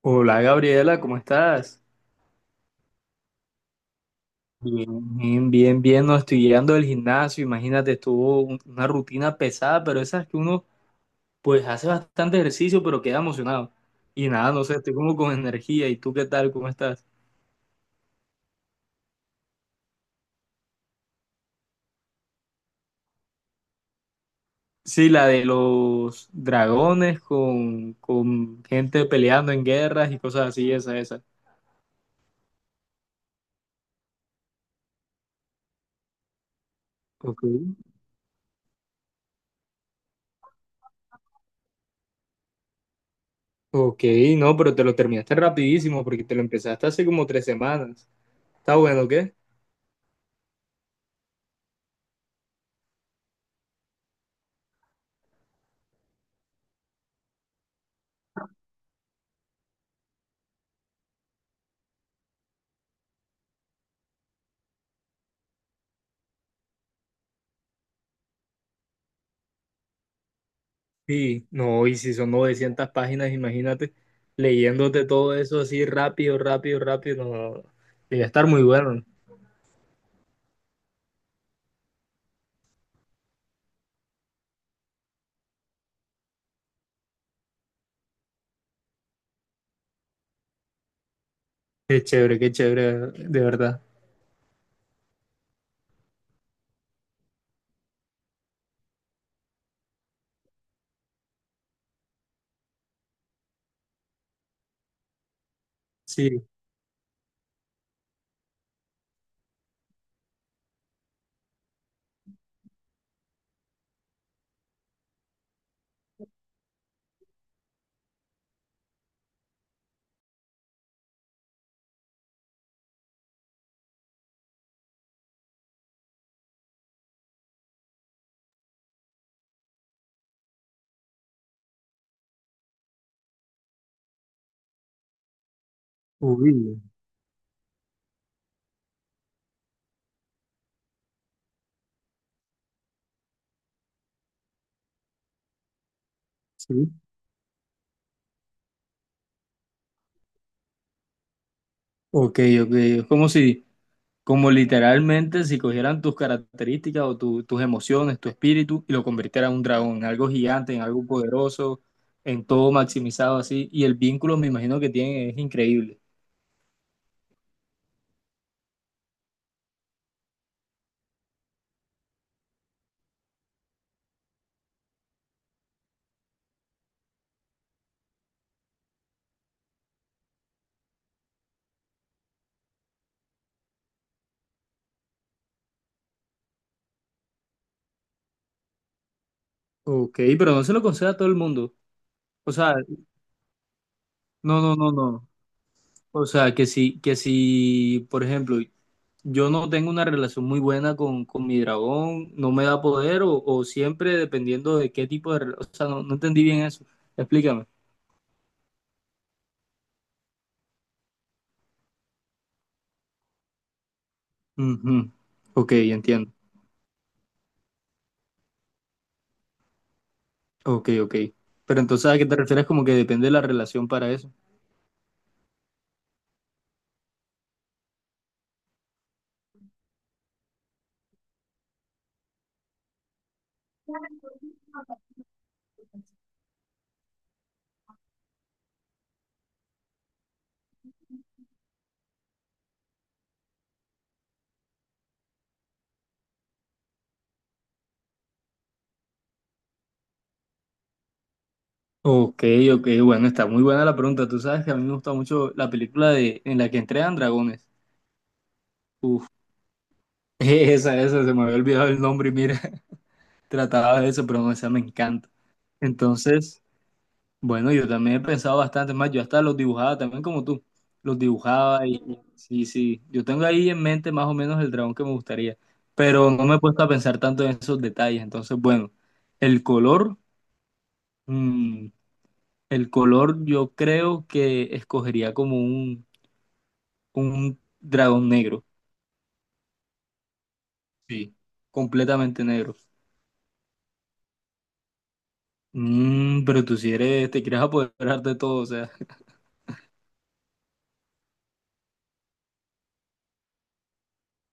Hola Gabriela, ¿cómo estás? Bien, bien, bien, bien. No estoy llegando del gimnasio, imagínate, estuvo una rutina pesada, pero esas que uno pues hace bastante ejercicio, pero queda emocionado. Y nada, no sé, estoy como con energía. ¿Y tú qué tal? ¿Cómo estás? Sí, la de los dragones con gente peleando en guerras y cosas así, esa, esa. Ok. Ok, no, pero te lo terminaste rapidísimo porque te lo empezaste hace como 3 semanas. ¿Está bueno, o qué? Sí, no, y si son 900 páginas, imagínate, leyéndote todo eso así rápido, rápido, rápido, no, no, no, debe estar muy bueno. Qué chévere, de verdad. Sí, uy, sí. Ok, ok. Es como si, como literalmente, si cogieran tus características o tus emociones, tu espíritu, y lo convirtieran en un dragón, en algo gigante, en algo poderoso, en todo maximizado así. Y el vínculo, me imagino que tienen, es increíble. Ok, pero no se lo concede a todo el mundo. O sea, no, no, no, no. O sea, que si, por ejemplo, yo no tengo una relación muy buena con mi dragón, no me da poder o siempre dependiendo de qué tipo de... O sea, no, no entendí bien eso. Explícame. Ujú. Ok, entiendo. Ok, ok. Pero entonces, ¿a qué te refieres como que depende de la relación para eso? Ok, ok, bueno, está muy buena la pregunta. Tú sabes que a mí me gusta mucho la película en la que entrenan dragones. Uf, esa, se me había olvidado el nombre y mira, trataba de eso, pero no, esa me encanta. Entonces... Bueno, yo también he pensado bastante más, yo hasta los dibujaba también como tú, los dibujaba y sí, sí, yo tengo ahí en mente más o menos el dragón que me gustaría, pero no me he puesto a pensar tanto en esos detalles, entonces bueno, el color, mm, el color yo creo que escogería como un dragón negro, sí, completamente negro. Pero tú si eres, te quieres apoderar de todo, o sea,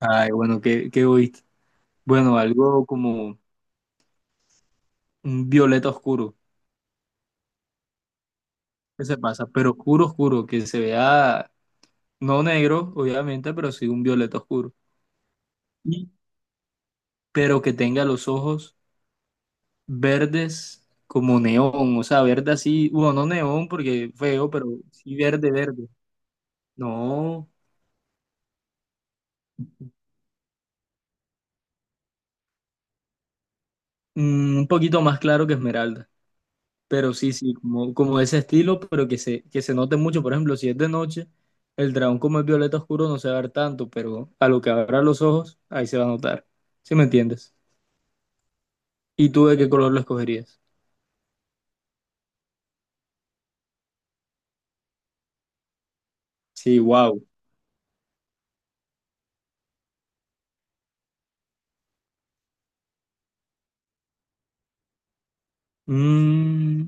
ay, bueno, qué egoísta. Bueno, algo como un violeta oscuro. Que se pasa, pero oscuro, oscuro, que se vea, no negro, obviamente, pero sí un violeta oscuro. Y- Pero que tenga los ojos verdes como neón, o sea, verde así, bueno, no neón porque feo, pero sí verde, verde. No, un poquito más claro que esmeralda, pero sí, sí, como ese estilo, pero que se note mucho. Por ejemplo, si es de noche, el dragón como es violeta oscuro no se va a ver tanto, pero a lo que abra los ojos, ahí se va a notar. ¿Sí me entiendes? ¿Y tú de qué color lo escogerías? Sí, wow. Mm,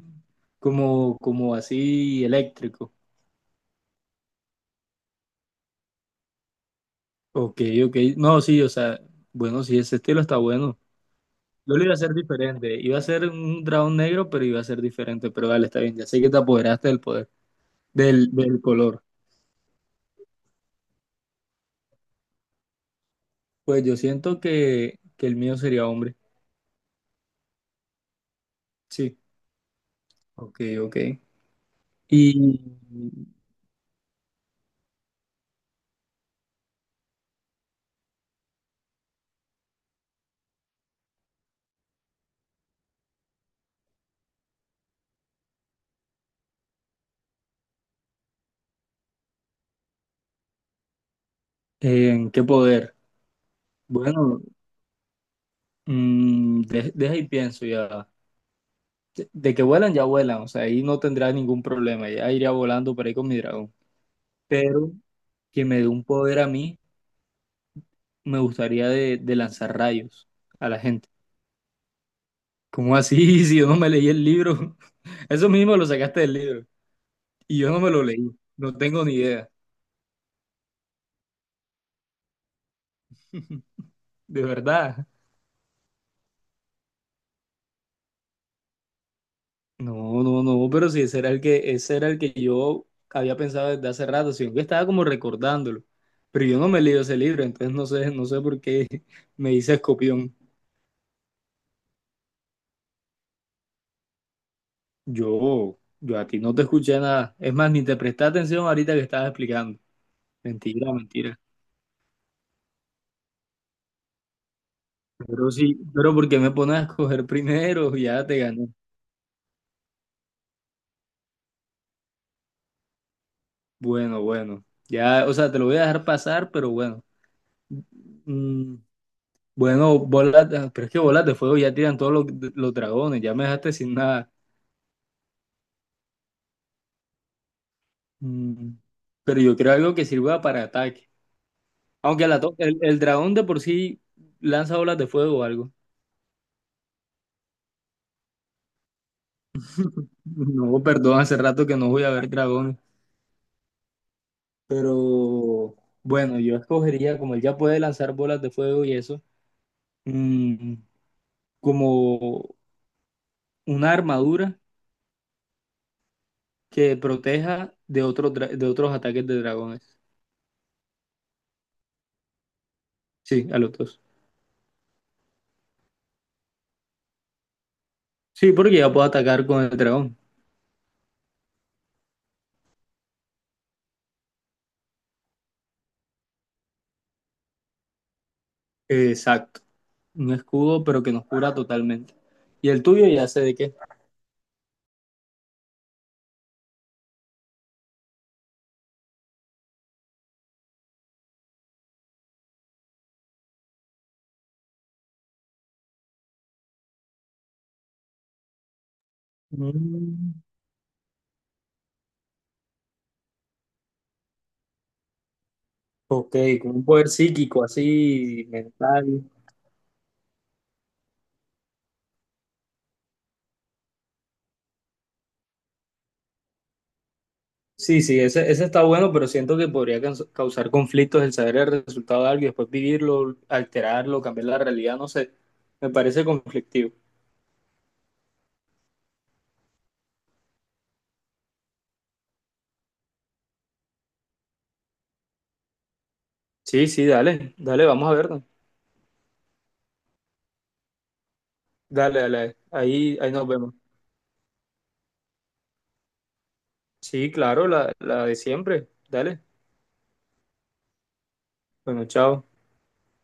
como así eléctrico. Ok, ok. No, sí, o sea, bueno, sí, ese estilo está bueno. Yo lo iba a hacer diferente. Iba a ser un dragón negro, pero iba a ser diferente. Pero vale, está bien. Ya sé que te apoderaste del poder, del color. Pues yo siento que el mío sería hombre. Sí. Ok, ok. ¿Y en qué poder? Bueno, deja y pienso ya. De que vuelan, ya vuelan, o sea, ahí no tendrá ningún problema, ya iría volando por ahí con mi dragón. Pero que me dé un poder a mí, me gustaría de lanzar rayos a la gente. ¿Cómo así? Si yo no me leí el libro, eso mismo lo sacaste del libro y yo no me lo leí, no tengo ni idea, de verdad. No, no, no, pero si ese era el que yo había pensado desde hace rato, sino que estaba como recordándolo. Pero yo no me he leído ese libro, entonces no sé, no sé por qué me hice escopión. Yo a ti no te escuché nada. Es más, ni te presté atención ahorita que estabas explicando. Mentira, mentira. Pero sí, ¿pero porque me pones a escoger primero? Ya te gané. Bueno, bueno. Ya, o sea, te lo voy a dejar pasar, pero bueno. Mm, bueno, pero es que bolas de fuego ya tiran todos los dragones, ya me dejaste sin nada. Mm, pero yo creo algo que sirva para ataque. Aunque el dragón de por sí lanza bolas de fuego o algo. No, perdón, hace rato que no voy a ver dragones. Pero bueno, yo escogería, como él ya puede lanzar bolas de fuego y eso, mm, como una armadura que proteja de otros ataques de dragones. Sí, a los dos. Sí, porque ya puedo atacar con el dragón. Exacto. Un escudo, pero que nos cura totalmente. Y el tuyo ya sé de qué. Mm, ok, con un poder psíquico, así, mental. Sí, sí, ese está bueno, pero siento que podría causar conflictos el saber el resultado de algo y después vivirlo, alterarlo, cambiar la realidad, no sé, me parece conflictivo. Sí, sí, dale, dale, vamos a verlo. Dale, dale, ahí nos vemos. Sí, claro, la de siempre. Dale, bueno, chao.